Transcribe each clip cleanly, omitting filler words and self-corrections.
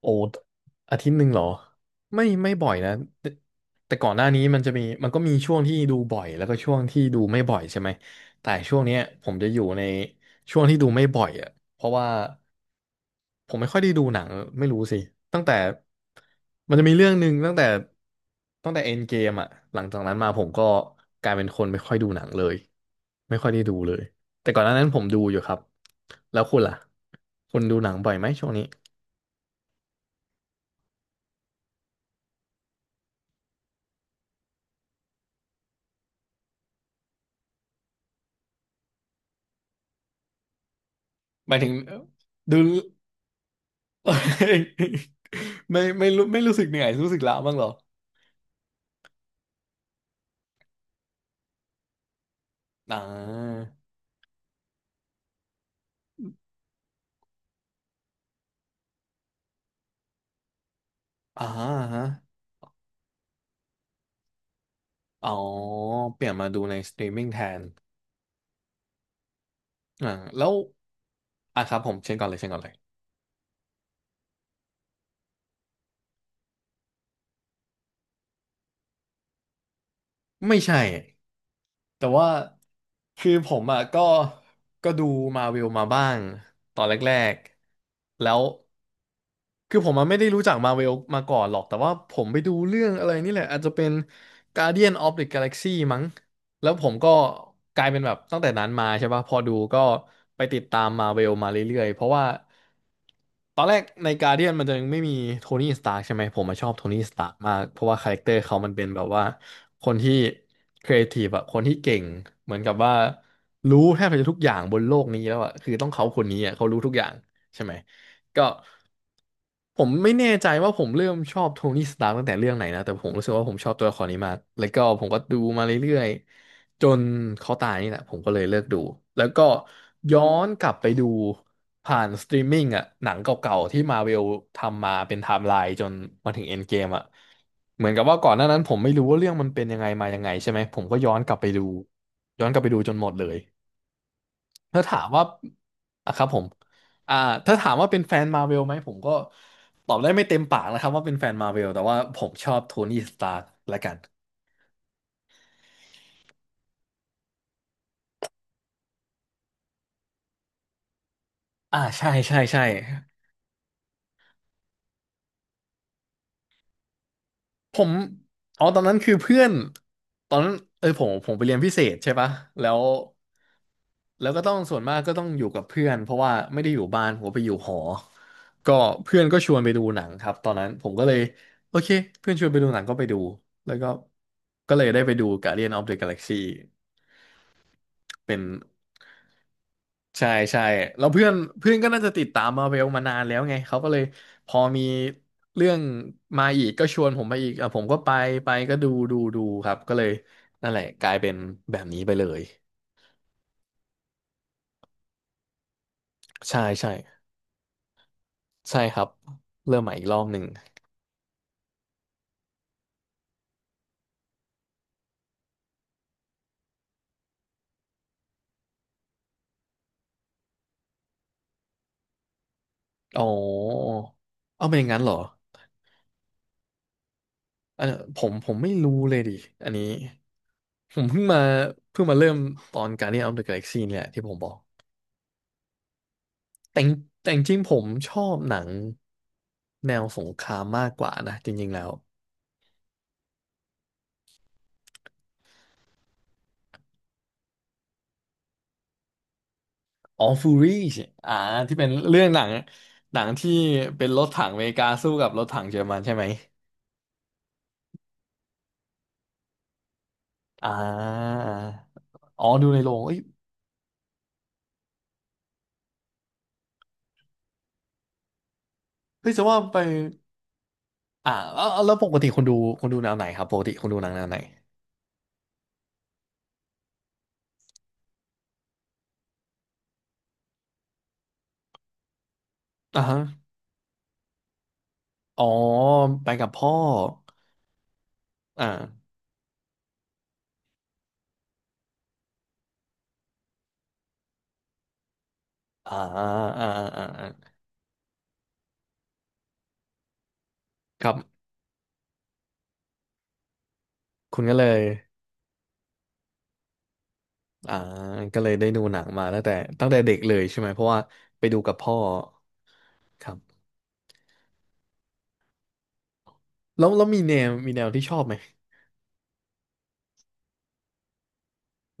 โอ้อาทิตย์หนึ่งเหรอไม่ไม่บ่อยนะแต่แต่ก่อนหน้านี้มันจะมีมันก็มีช่วงที่ดูบ่อยแล้วก็ช่วงที่ดูไม่บ่อยใช่ไหมแต่ช่วงเนี้ยผมจะอยู่ในช่วงที่ดูไม่บ่อยอ่ะเพราะว่าผมไม่ค่อยได้ดูหนังไม่รู้สิตั้งแต่มันจะมีเรื่องหนึ่งตั้งแต่ตั้งแต่เอ็นเกมอ่ะหลังจากนั้นมาผมก็กลายเป็นคนไม่ค่อยดูหนังเลยไม่ค่อยได้ดูเลยแต่ก่อนหน้านั้นผมดูอยู่ครับแล้วคุณล่ะคุณดูหนังบ่อยไหมช่วงนี้ หมายถึงดู ไม่ไม่รู้ไม่รู้สึกเหนื่อยรู้สึกล้าบ้างเหรออ่าอ่าฮะอ๋อเปลี่ยนมาดูในสตรีมมิ่งแทนอ่าแล้วอ่ะครับผมเช่นก่อนเลยเช่นก่อนเลยไม่ใช่ แต่ว่าคือผมอ่ะก็ก็ดูมาวิวมาบ้างตอนแรกๆแล้วคือผมอ่ะไม่ได้รู้จักมาวิวมาก่อนหรอกแต่ว่าผมไปดูเรื่องอะไรนี่แหละอาจจะเป็น Guardian of the Galaxy มั้งแล้วผมก็กลายเป็นแบบตั้งแต่นั้นมาใช่ป่ะพอดูก็ไปติดตามมาวิวมาเรื่อยๆเพราะว่าตอนแรกใน Guardian มันจะยังไม่มีโทนี่สตาร์กใช่ไหมผมมาชอบโทนี่สตาร์กมากเพราะว่าคาแรคเตอร์เขามันเป็นแบบว่า คนที่ครีเอทีฟอะคนที่เก่งเหมือนกับว่ารู้แทบจะทุกอย่างบนโลกนี้แล้วอะคือต้องเขาคนนี้อะเขารู้ทุกอย่างใช่ไหม ก็ผมไม่แน่ใจว่าผมเริ่มชอบโทนี่สตาร์ตั้งแต่เรื่องไหนนะแต่ผมรู้สึกว่าผมชอบตัวละครนี้มากแล้วก็ผมก็ดูมาเรื่อยๆจนเขาตายนี่แหละผมก็เลยเลิกดูแล้วก็ย้อนกลับไปดูผ่านสตรีมมิ่งอ่ะหนังเก่าๆที่มาเวลทำมาเป็นไทม์ไลน์จนมาถึงเอ็นเกมอ่ะเหมือนกับว่าก่อนหน้านั้นผมไม่รู้ว่าเรื่องมันเป็นยังไงมายังไงใช่ไหมผมก็ย้อนกลับไปดูย้อนกลับไปดูจนหมดเลย ถ้าถามว่าอ่ะครับผมอ่าถ้าถามว่าเป็นแฟนมาเวลไหมผมก็ตอบได้ไม่เต็มปากนะครับว่าเป็นแฟนมาเวลแต่ว่าผมชอบโทนี่สตาร์ละกันอ่าใช่ใช่ใช่ผมอ๋อตอนนั้นคือเพื่อนตอนนั้นเออผมผมไปเรียนพิเศษใช่ปะแล้วแล้วก็ต้องส่วนมากก็ต้องอยู่กับเพื่อนเพราะว่าไม่ได้อยู่บ้านผมไปอยู่หอก็เพื่อนก็ชวนไปดูหนังครับตอนนั้นผมก็เลย โอเคเพื่อนชวนไปดูหนังก็ไปดูแล้วก็ก็เลยได้ไปดู Guardian of the Galaxy เป็นใช่ใช่แล้วเพื่อนเพื่อนก็น่าจะติดตามมาเวลมานานแล้วไงเขาก็เลยพอมีเรื่องมาอีกก็ชวนผมมาอีกอ่ะผมก็ไปไปก็ดูดูดูครับก็เลยนั่นแหละกลายเป็นแบบนี้ไปเลยใช่ใช่ใช่ครับเริ่มใหม่อีกรอบหนึ่งอ๋อเอาเป็นอย่างนั้นเหรอ อันเนี้ยผมผมไม่รู้เลยดิอันนี้ผมเพิ่งมาเพิ่งมาเริ่มตอน Guardian of the Galaxy เนี่ยที่ผมบอกแต่งจริงๆผมชอบหนังแนวสงครามมากกว่านะจริงๆแล้ว All Furies อ่าที่เป็นเรื่องหนังหนังที่เป็นรถถังอเมริกาสู้กับรถถังเยอรมันใช่ไหมอ่าอ๋อดูในโรงเอ้ยเฮ้ยจะว่าไปอ่าแล้วปกติคุณดูคุณดูแนวไหนครับปกติคุณดูหนังแนวไหนอ่าฮะอ๋อไปกับพ่ออ่า อ่าอ่าอ่าอ่าครับคุณก็เลยอ่าก็เลยได้ดูหนังมาตั้งแต่ตั้งแต่เด็กเลยใช่ไหมเพราะว่าไปดูกับพ่อครับแล้วมีแนวมีแนวที่ชอบไหม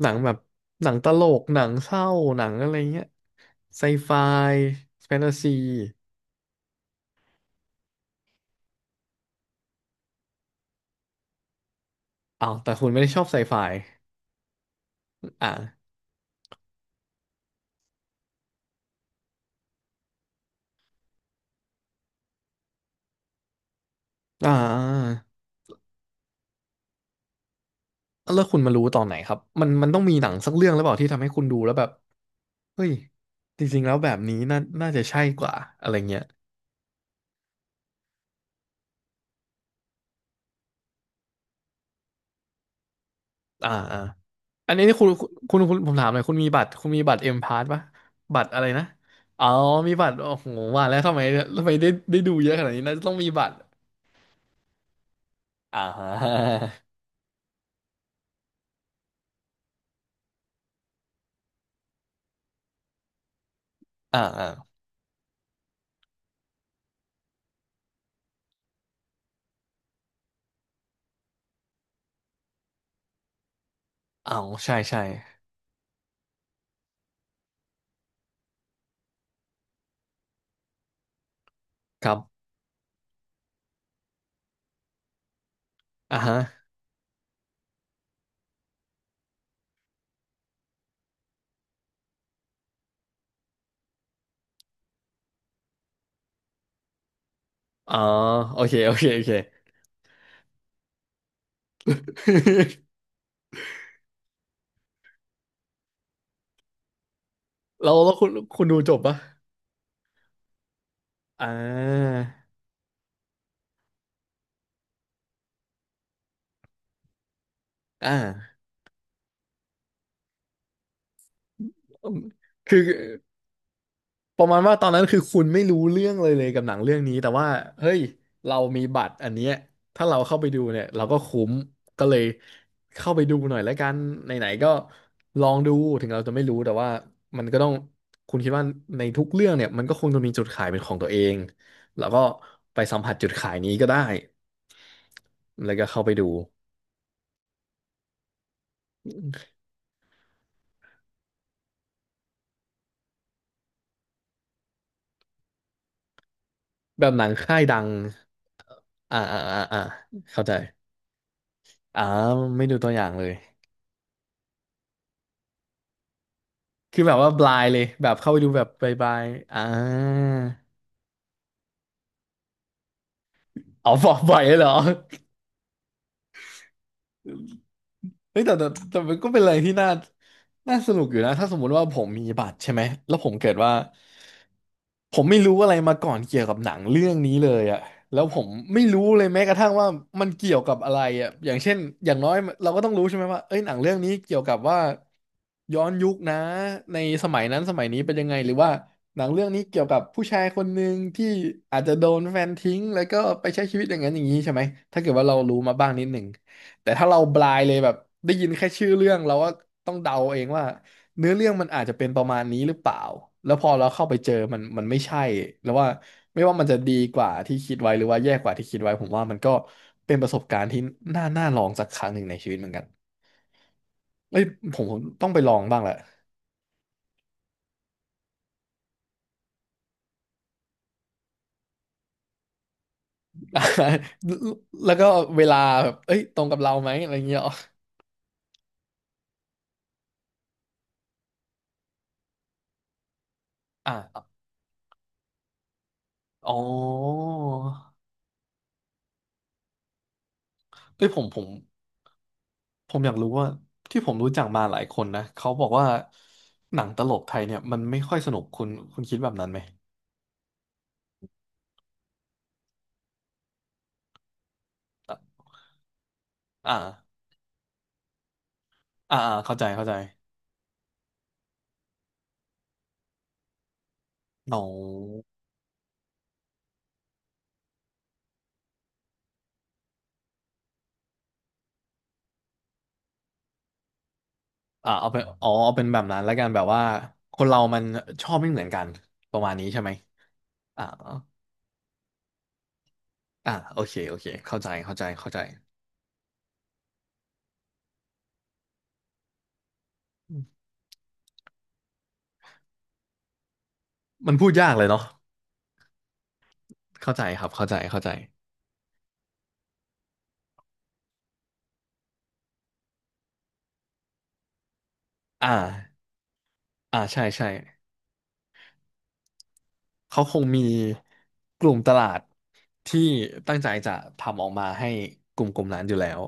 หนังแบบหนังตลกหนังเศร้าหนังอะไรเงี้ยไซไฟแฟนตาซีอ้าวแต่คุณไม่ได้ชอบไซไฟอ่าอ่าแล้วคุณมารู้ตอนไหนครับมันมันต้องมีหนังสักเรื่องหรือเปล่าที่ทำให้คุณดูแล้วแบบเฮ้ยจริงๆแล้วแบบนี้น่าน่าจะใช่กว่าอะไรเงี้ยอ่า อันนี้นี่คุณคุณคุณผมถามหน่อยคุณมีบัตรคุณมีบัตรเอ็มพาสป่ะบัตรอะไรนะอ๋อมีบัตรโอ้โหว่าแล้วทำไมทำไมได้ได้ดูเยอะขนาดนี้น่าจะต้องมีบัตรอ่าฮะ อ่าอ่าเอาใช่ใช่ครับอ่าฮะอ๋อโอเคโอเคโอเค เราแล้วคุณคุณดูจบป่ะอ่าอ่าคือ ประมาณว่าตอนนั้นคือคุณไม่รู้เรื่องเลยกับหนังเรื่องนี้แต่ว่าเฮ้ยเรามีบัตรอันเนี้ยถ้าเราเข้าไปดูเนี่ยเราก็คุ้มก็เลยเข้าไปดูหน่อยแล้วกันไหนๆก็ลองดูถึงเราจะไม่รู้แต่ว่ามันก็ต้องคุณคิดว่าในทุกเรื่องเนี่ยมันก็คงจะมีจุดขายเป็นของตัวเองแล้วก็ไปสัมผัสจุดขายนี้ก็ได้แล้วก็เข้าไปดูแบบหนังค่ายดังอ่าอ่าอ่าอ่าเข้าใจอ่าไม่ดูตัวอย่างเลย คือแบบว่าบลายเลยแบบเข้าไปดูแบบบายบายอ่าอ๋อบอกบ่อยเลยเหรอ เฮ้ยแต่มันก็เป็นอะไรที่น่าสนุกอยู่นะถ้าสมมุติว่าผมมีบัตรใช่ไหมแล้วผมเกิดว่าผมไม่รู้อะไรมาก่อนเกี่ยวกับหนังเรื่องนี้เลยอะแล้วผมไม่รู้เลยแม้กระทั่งว่ามันเกี่ยวกับอะไรอะอย่างเช่นอย่างน้อยเราก็ต้องรู้ใช่ไหมว่าเอ้ยหนังเรื่องนี้เกี่ยวกับว่าย้อนยุคนะในสมัยนั้นสมัยนี้เป็นยังไงหรือว่าหนังเรื่องนี้เกี่ยวกับผู้ชายคนหนึ่งที่อาจจะโดนแฟนทิ้งแล้วก็ไปใช้ชีวิตอย่างนั้นอย่างนี้ใช่ไหมถ้าเกิดว่าเรารู้มาบ้างนิดหนึ่ง แต่ถ้าเราบลายเลยแบบได้ยินแค่ชื่อเรื่องเราก็ต้องเดาเองว่าเนื้อเรื่องมันอาจจะเป็นประมาณนี้หรือเปล่าแล้วพอเราเข้าไปเจอมันมันไม่ใช่แล้วว่าไม่ว่ามันจะดีกว่าที่คิดไว้หรือว่าแย่กว่าที่คิดไว้ผมว่ามันก็เป็นประสบการณ์ที่น่าลองสักครั้งหนึ่งในชีวิตเหมือนกันเอ้ยผมต้องไปลองบ้างแหละ แล้วก็เวลาแบบเอ้ยตรงกับเราไหมอะไรเงี้ยอ๋ออ่ะอ๋อเอ้ยผมผม ผมอยากรู้ว่าที่ผมรู้จักมาหลายคนนะเขาบอกว่าหนังตลกไทยเนี่ยมันไม่ค่อยสนุกคุณคุณคิดแบบนั้นไหมอ่ะอ่าอ่าอ่าเข้าใจเข้าใจเอาอ่าเอาเป็นอ๋อเอาเป็นแบบนั้นแล้วกันแบบว่าคนเรามันชอบไม่เหมือนกันประมาณนี้ใช่ไหมอ่าอ่าโอเคโอเคเข้าใจเข้าใจเข้าใจมันพูดยากเลยเนาะเข้าใจครับเข้าใจเข้าใจอ่าอ่าใช่ใช่ เขาคงมีกลุ่มตลาดที่ตั้งใจจะทำออกมาให้กลุ่มกลุ่มนั้นอยู่แล้ว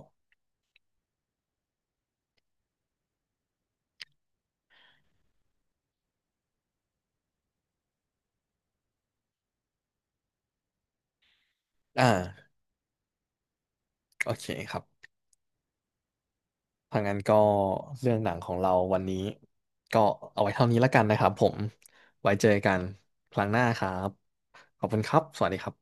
อ่าโอเคครับถ้างั้นก็เรื่องหนังของเราวันนี้ก็เอาไว้เท่านี้แล้วกันนะครับผม ไว้เจอกันครั้งหน้าครับ ขอบคุณครับ สวัสดีครับ